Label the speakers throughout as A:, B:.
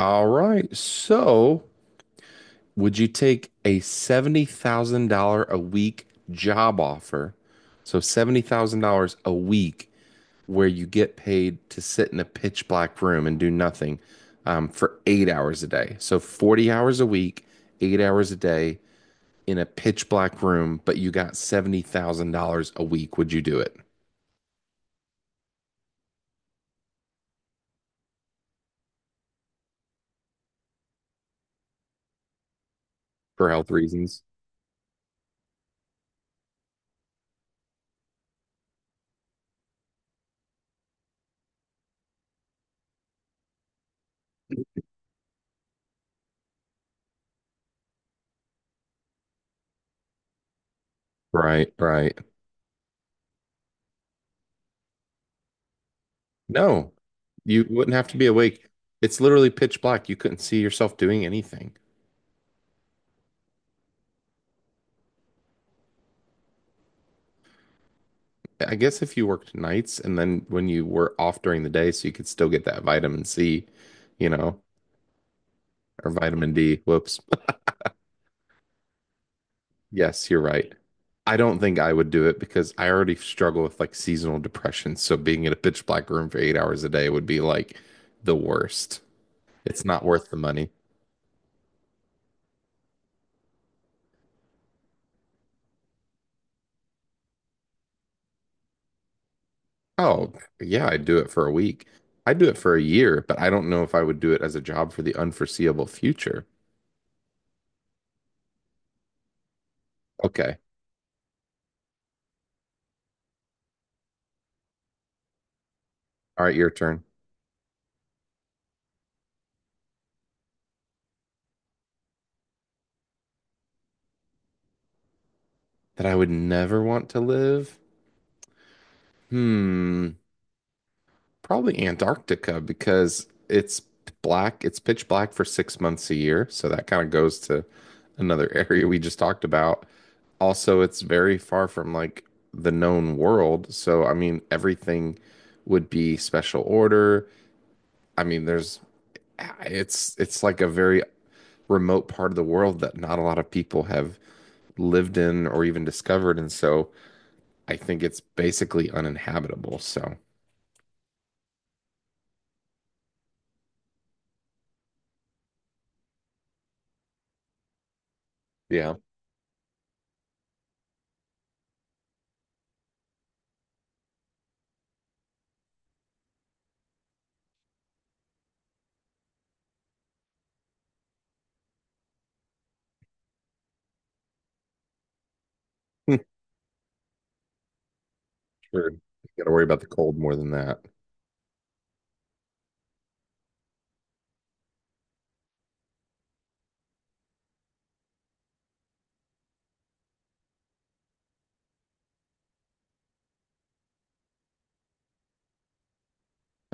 A: All right. So, would you take a $70,000 a week job offer? So, $70,000 a week where you get paid to sit in a pitch black room and do nothing for 8 hours a day. So, 40 hours a week, 8 hours a day in a pitch black room, but you got $70,000 a week. Would you do it for health reasons? Right, right. No, you wouldn't have to be awake. It's literally pitch black. You couldn't see yourself doing anything. I guess if you worked nights and then when you were off during the day, so you could still get that vitamin C, you know, or vitamin D. Whoops. Yes, you're right. I don't think I would do it because I already struggle with like seasonal depression. So being in a pitch black room for 8 hours a day would be like the worst. It's not worth the money. Oh, yeah, I'd do it for a week. I'd do it for a year, but I don't know if I would do it as a job for the unforeseeable future. Okay. All right, your turn. That I would never want to live? Hmm. Probably Antarctica because it's black, it's pitch black for 6 months a year. So that kind of goes to another area we just talked about. Also, it's very far from like the known world. So, I mean, everything would be special order. I mean, there's it's like a very remote part of the world that not a lot of people have lived in or even discovered, and so I think it's basically uninhabitable. So yeah, sure. Got to worry about the cold more than that.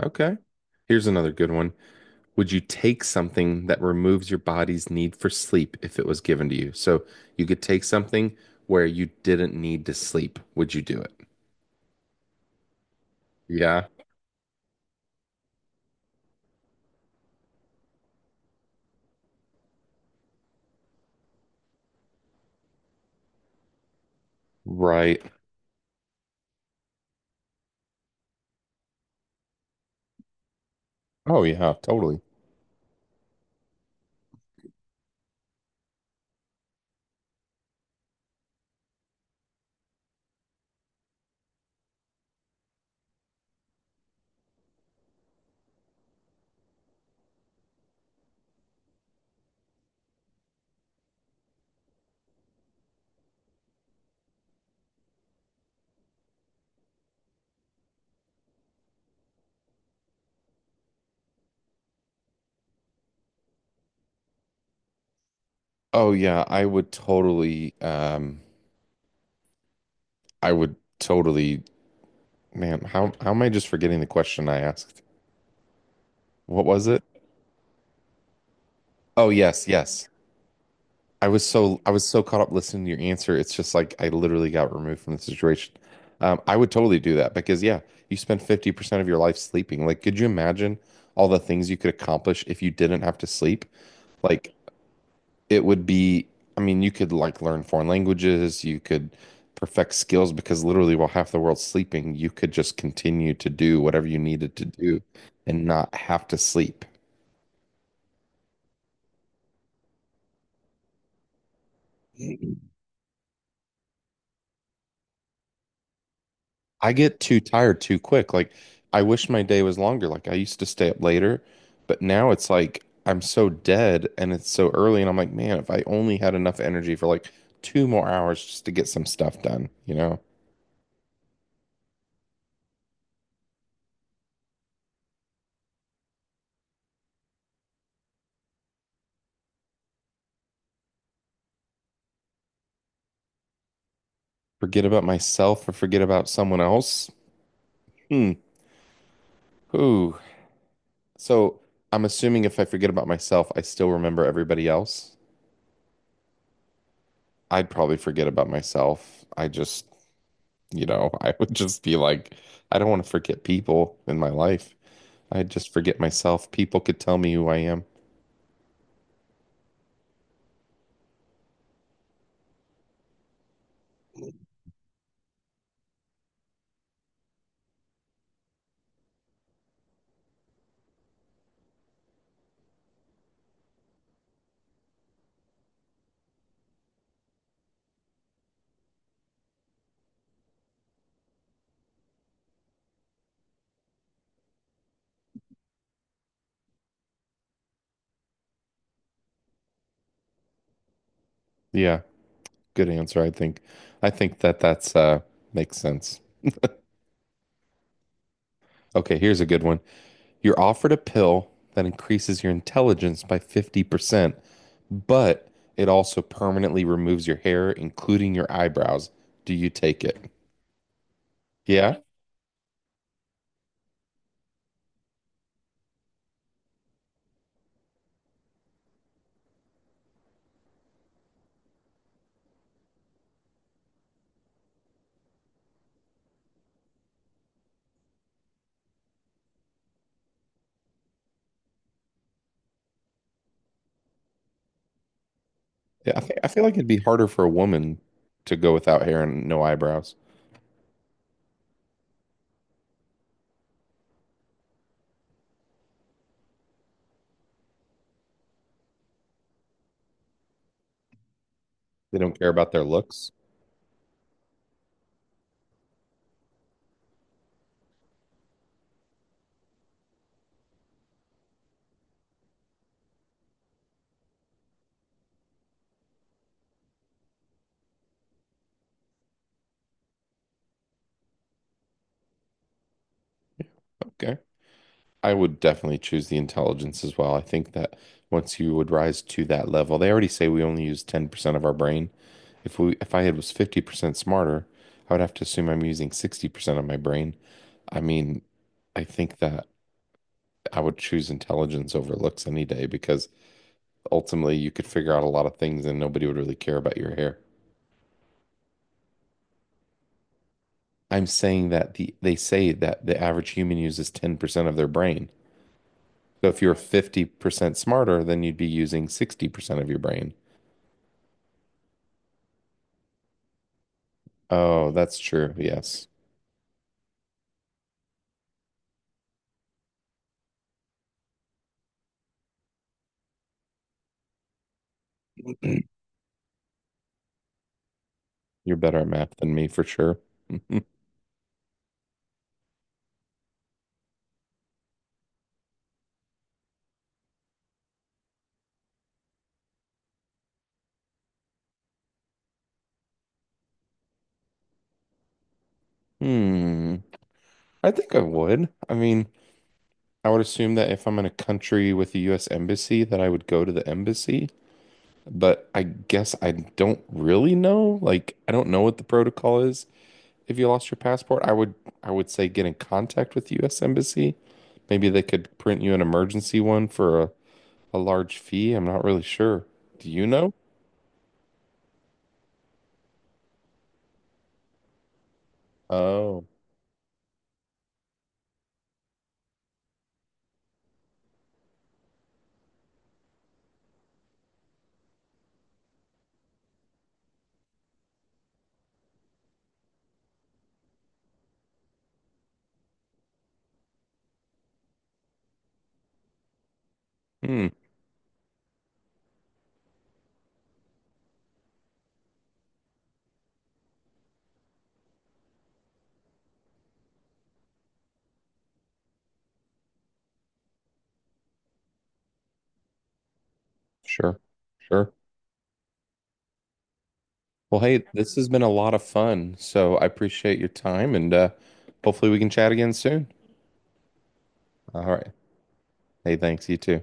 A: Okay. Here's another good one. Would you take something that removes your body's need for sleep if it was given to you? So you could take something where you didn't need to sleep. Would you do it? Yeah. Right. Oh, yeah, totally. Oh yeah, I would totally I would totally. Man, how am I just forgetting the question I asked? What was it? Oh yes, yes. I was so caught up listening to your answer. It's just like I literally got removed from the situation. I would totally do that because yeah, you spend 50% of your life sleeping. Like, could you imagine all the things you could accomplish if you didn't have to sleep? Like it would be, I mean, you could like learn foreign languages, you could perfect skills because literally while half the world's sleeping, you could just continue to do whatever you needed to do and not have to sleep. I get too tired too quick. Like, I wish my day was longer. Like, I used to stay up later, but now it's like I'm so dead and it's so early. And I'm like, man, if I only had enough energy for like two more hours just to get some stuff done, you know, forget about myself or forget about someone else. Hmm. Ooh. So I'm assuming if I forget about myself, I still remember everybody else. I'd probably forget about myself. I just, you know, I would just be like, I don't want to forget people in my life. I'd just forget myself. People could tell me who I am. Yeah, good answer, I think. I think that that's makes sense. Okay, here's a good one. You're offered a pill that increases your intelligence by 50%, but it also permanently removes your hair, including your eyebrows. Do you take it? Yeah. Yeah, I think I feel like it'd be harder for a woman to go without hair and no eyebrows. They don't care about their looks. Yeah, okay. I would definitely choose the intelligence as well. I think that once you would rise to that level, they already say we only use 10% of our brain. If I had was 50% smarter, I would have to assume I'm using 60% of my brain. I mean, I think that I would choose intelligence over looks any day because ultimately you could figure out a lot of things and nobody would really care about your hair. I'm saying that they say that the average human uses 10% of their brain. So if you're 50% smarter, then you'd be using 60% of your brain. Oh, that's true. Yes. You're better at math than me for sure. Hmm. I think I would. I mean, I would assume that if I'm in a country with a US embassy, that I would go to the embassy. But I guess I don't really know. Like, I don't know what the protocol is. If you lost your passport, I would, I would say get in contact with the U.S. Embassy. Maybe they could print you an emergency one for a large fee. I'm not really sure. Do you know? Oh, hmm, sure, sure. Well, hey, this has been a lot of fun, so I appreciate your time, and hopefully we can chat again soon. All right. Hey, thanks, you too.